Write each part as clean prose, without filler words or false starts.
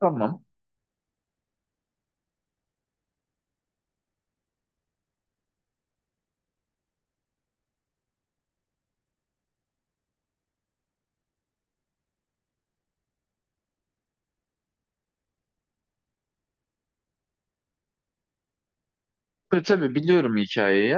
Tamam. Tabii biliyorum hikayeyi.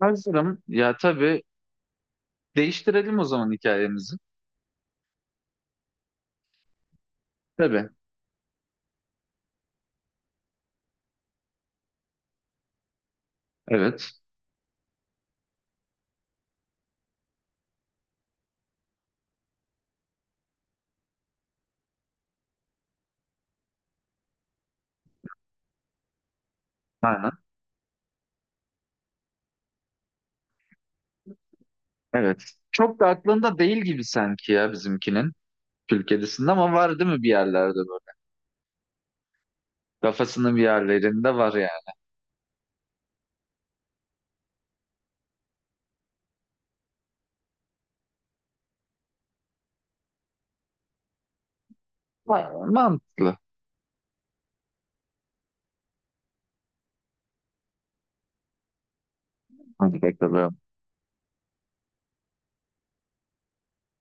Hazırım. Ya tabii değiştirelim o zaman hikayemizi. Tabii. Evet. Aynen. Evet. Çok da aklında değil gibi sanki ya bizimkinin. Kül Ama var değil mi bir yerlerde böyle? Kafasının bir yerlerinde var yani. Var. Mantıklı. Hadi bakalım.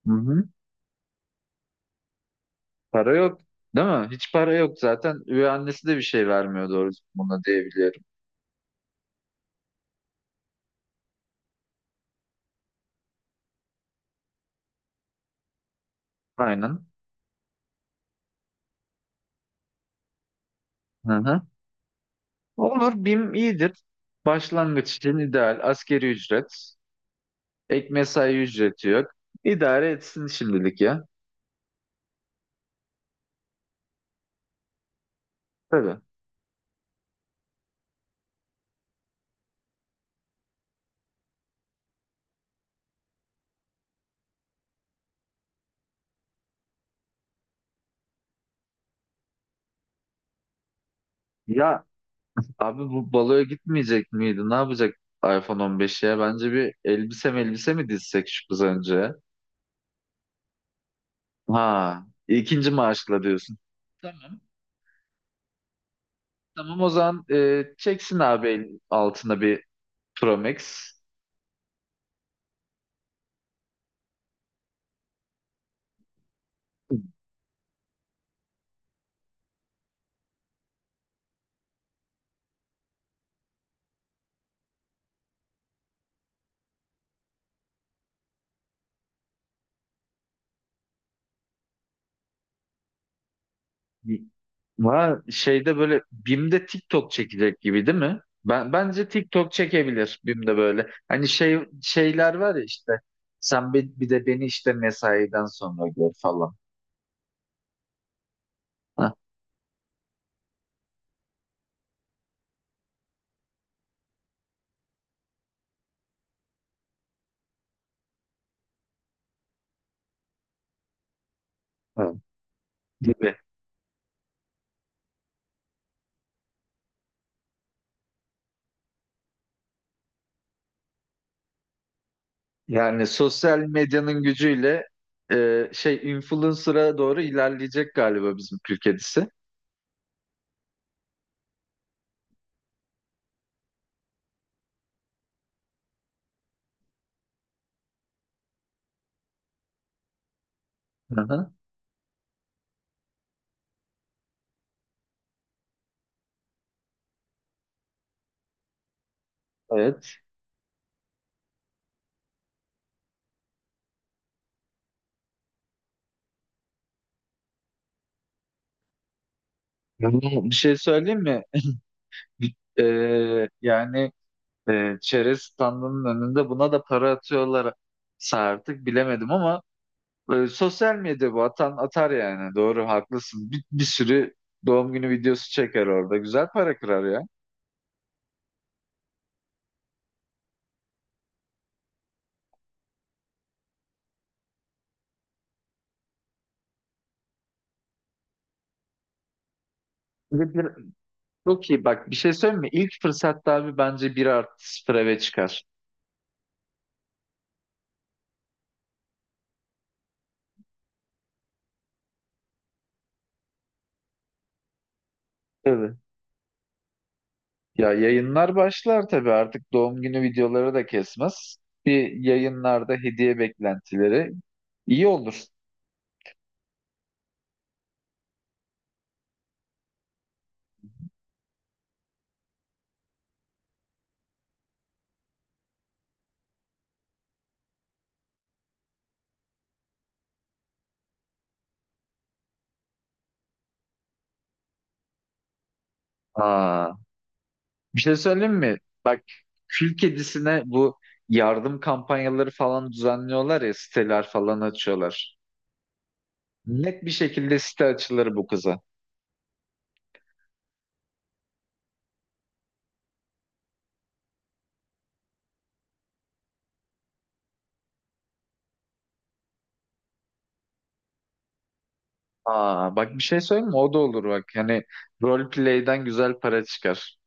Hı hı. Para yok. Değil mi? Hiç para yok zaten. Üvey annesi de bir şey vermiyor doğrusu buna diyebiliyorum. Aynen. Hı hı. Olur. BİM iyidir. Başlangıç için ideal. Askeri ücret. Ek mesai ücreti yok. İdare etsin şimdilik ya. Tabii. Ya abi bu baloya gitmeyecek miydi? Ne yapacak iPhone 15'e? Ya? Bence bir elbise mi dizsek şu kız önce? Ha, ikinci maaşla diyorsun. Tamam. Tamam o zaman çeksin abi altına bir Pro Max. Ha, şeyde böyle BİM'de TikTok çekecek gibi değil mi? Bence TikTok çekebilir BİM'de böyle. Hani şey şeyler var ya işte. Sen bir de beni işte mesaiden sonra gör falan. Ha, ha, gibi. Yani sosyal medyanın gücüyle şey influencer'a doğru ilerleyecek galiba bizim Türk kedisi. Hı hı, evet. Yani bir şey söyleyeyim mi? E, Yani çerez standının önünde buna da para atıyorlar artık bilemedim ama sosyal medya bu atan atar yani doğru haklısın bir sürü doğum günü videosu çeker orada güzel para kırar ya. Ve çok iyi bak bir şey söyleyeyim mi ilk fırsatta abi bence bir artı sıfır eve çıkar. Evet. Ya yayınlar başlar tabii artık doğum günü videoları da kesmez. Bir yayınlarda hediye beklentileri iyi olur. Aa, bir şey söyleyeyim mi? Bak kül kedisine bu yardım kampanyaları falan düzenliyorlar ya siteler falan açıyorlar. Net bir şekilde site açılır bu kıza. Aa, bak bir şey söyleyeyim mi? O da olur bak. Yani role play'den güzel para çıkar.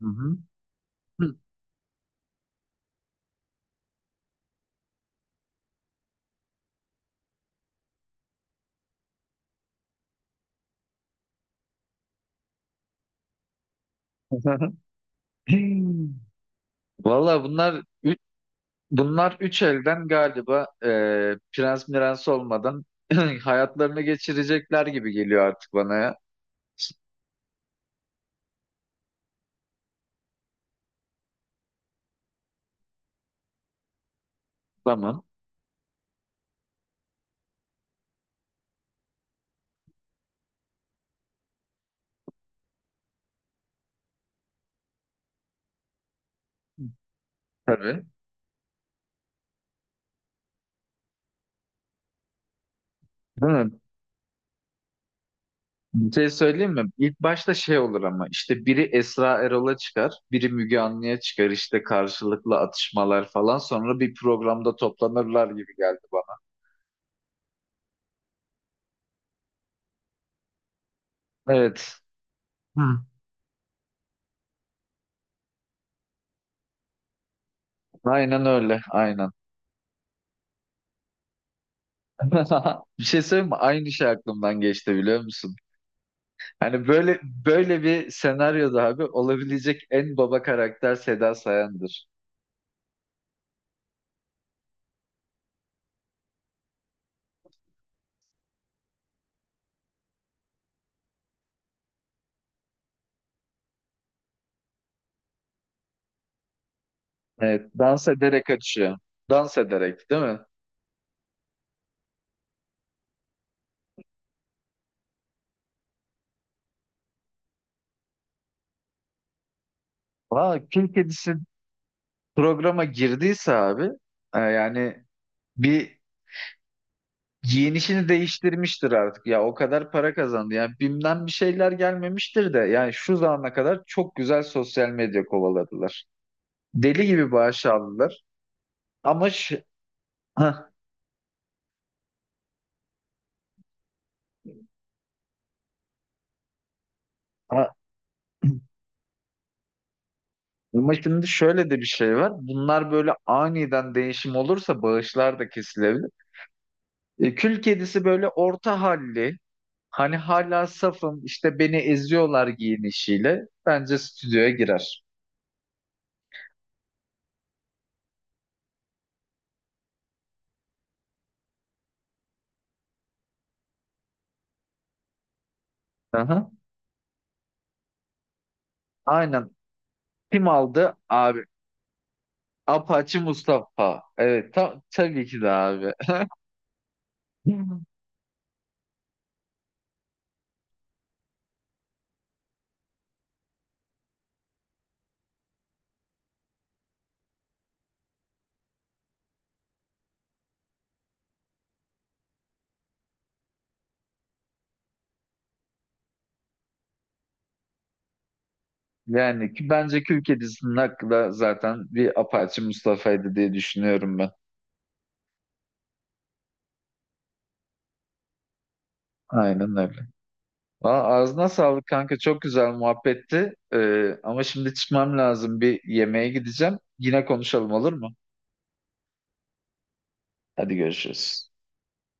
Hı hı. Valla bunlar üç elden galiba prens mirens olmadan hayatlarını geçirecekler gibi geliyor artık bana ya. Tamam. Tabii. Değil mi? Bir şey söyleyeyim mi? İlk başta şey olur ama işte biri Esra Erol'a çıkar, biri Müge Anlı'ya çıkar işte karşılıklı atışmalar falan sonra bir programda toplanırlar gibi geldi bana. Evet. Hı. Aynen öyle, aynen. Bir şey söyleyeyim mi? Aynı şey aklımdan geçti biliyor musun? Hani böyle böyle bir senaryoda abi olabilecek en baba karakter Seda Sayan'dır. Evet, dans ederek açıyor. Dans ederek, değil mi? Valla kül kedisi programa girdiyse abi yani bir giyinişini değiştirmiştir artık ya o kadar para kazandı yani BİM'den bir şeyler gelmemiştir de yani şu zamana kadar çok güzel sosyal medya kovaladılar. Deli gibi bağış aldılar ama ş- Hah, a- ama şimdi şöyle de bir şey var. Bunlar böyle aniden değişim olursa bağışlar da kesilebilir. Kül kedisi böyle orta halli. Hani hala safım işte beni eziyorlar giyinişiyle. Bence stüdyoya girer. Aha, aynen. Kim aldı? Abi. Apache Mustafa. Evet tabii ki de abi. Yani ki bence Kül Kedisi'nin hakkı da zaten bir Apache Mustafa'ydı diye düşünüyorum ben. Aynen öyle. Valla ağzına sağlık kanka. Çok güzel muhabbetti. Ama şimdi çıkmam lazım. Bir yemeğe gideceğim. Yine konuşalım olur mu? Hadi görüşürüz.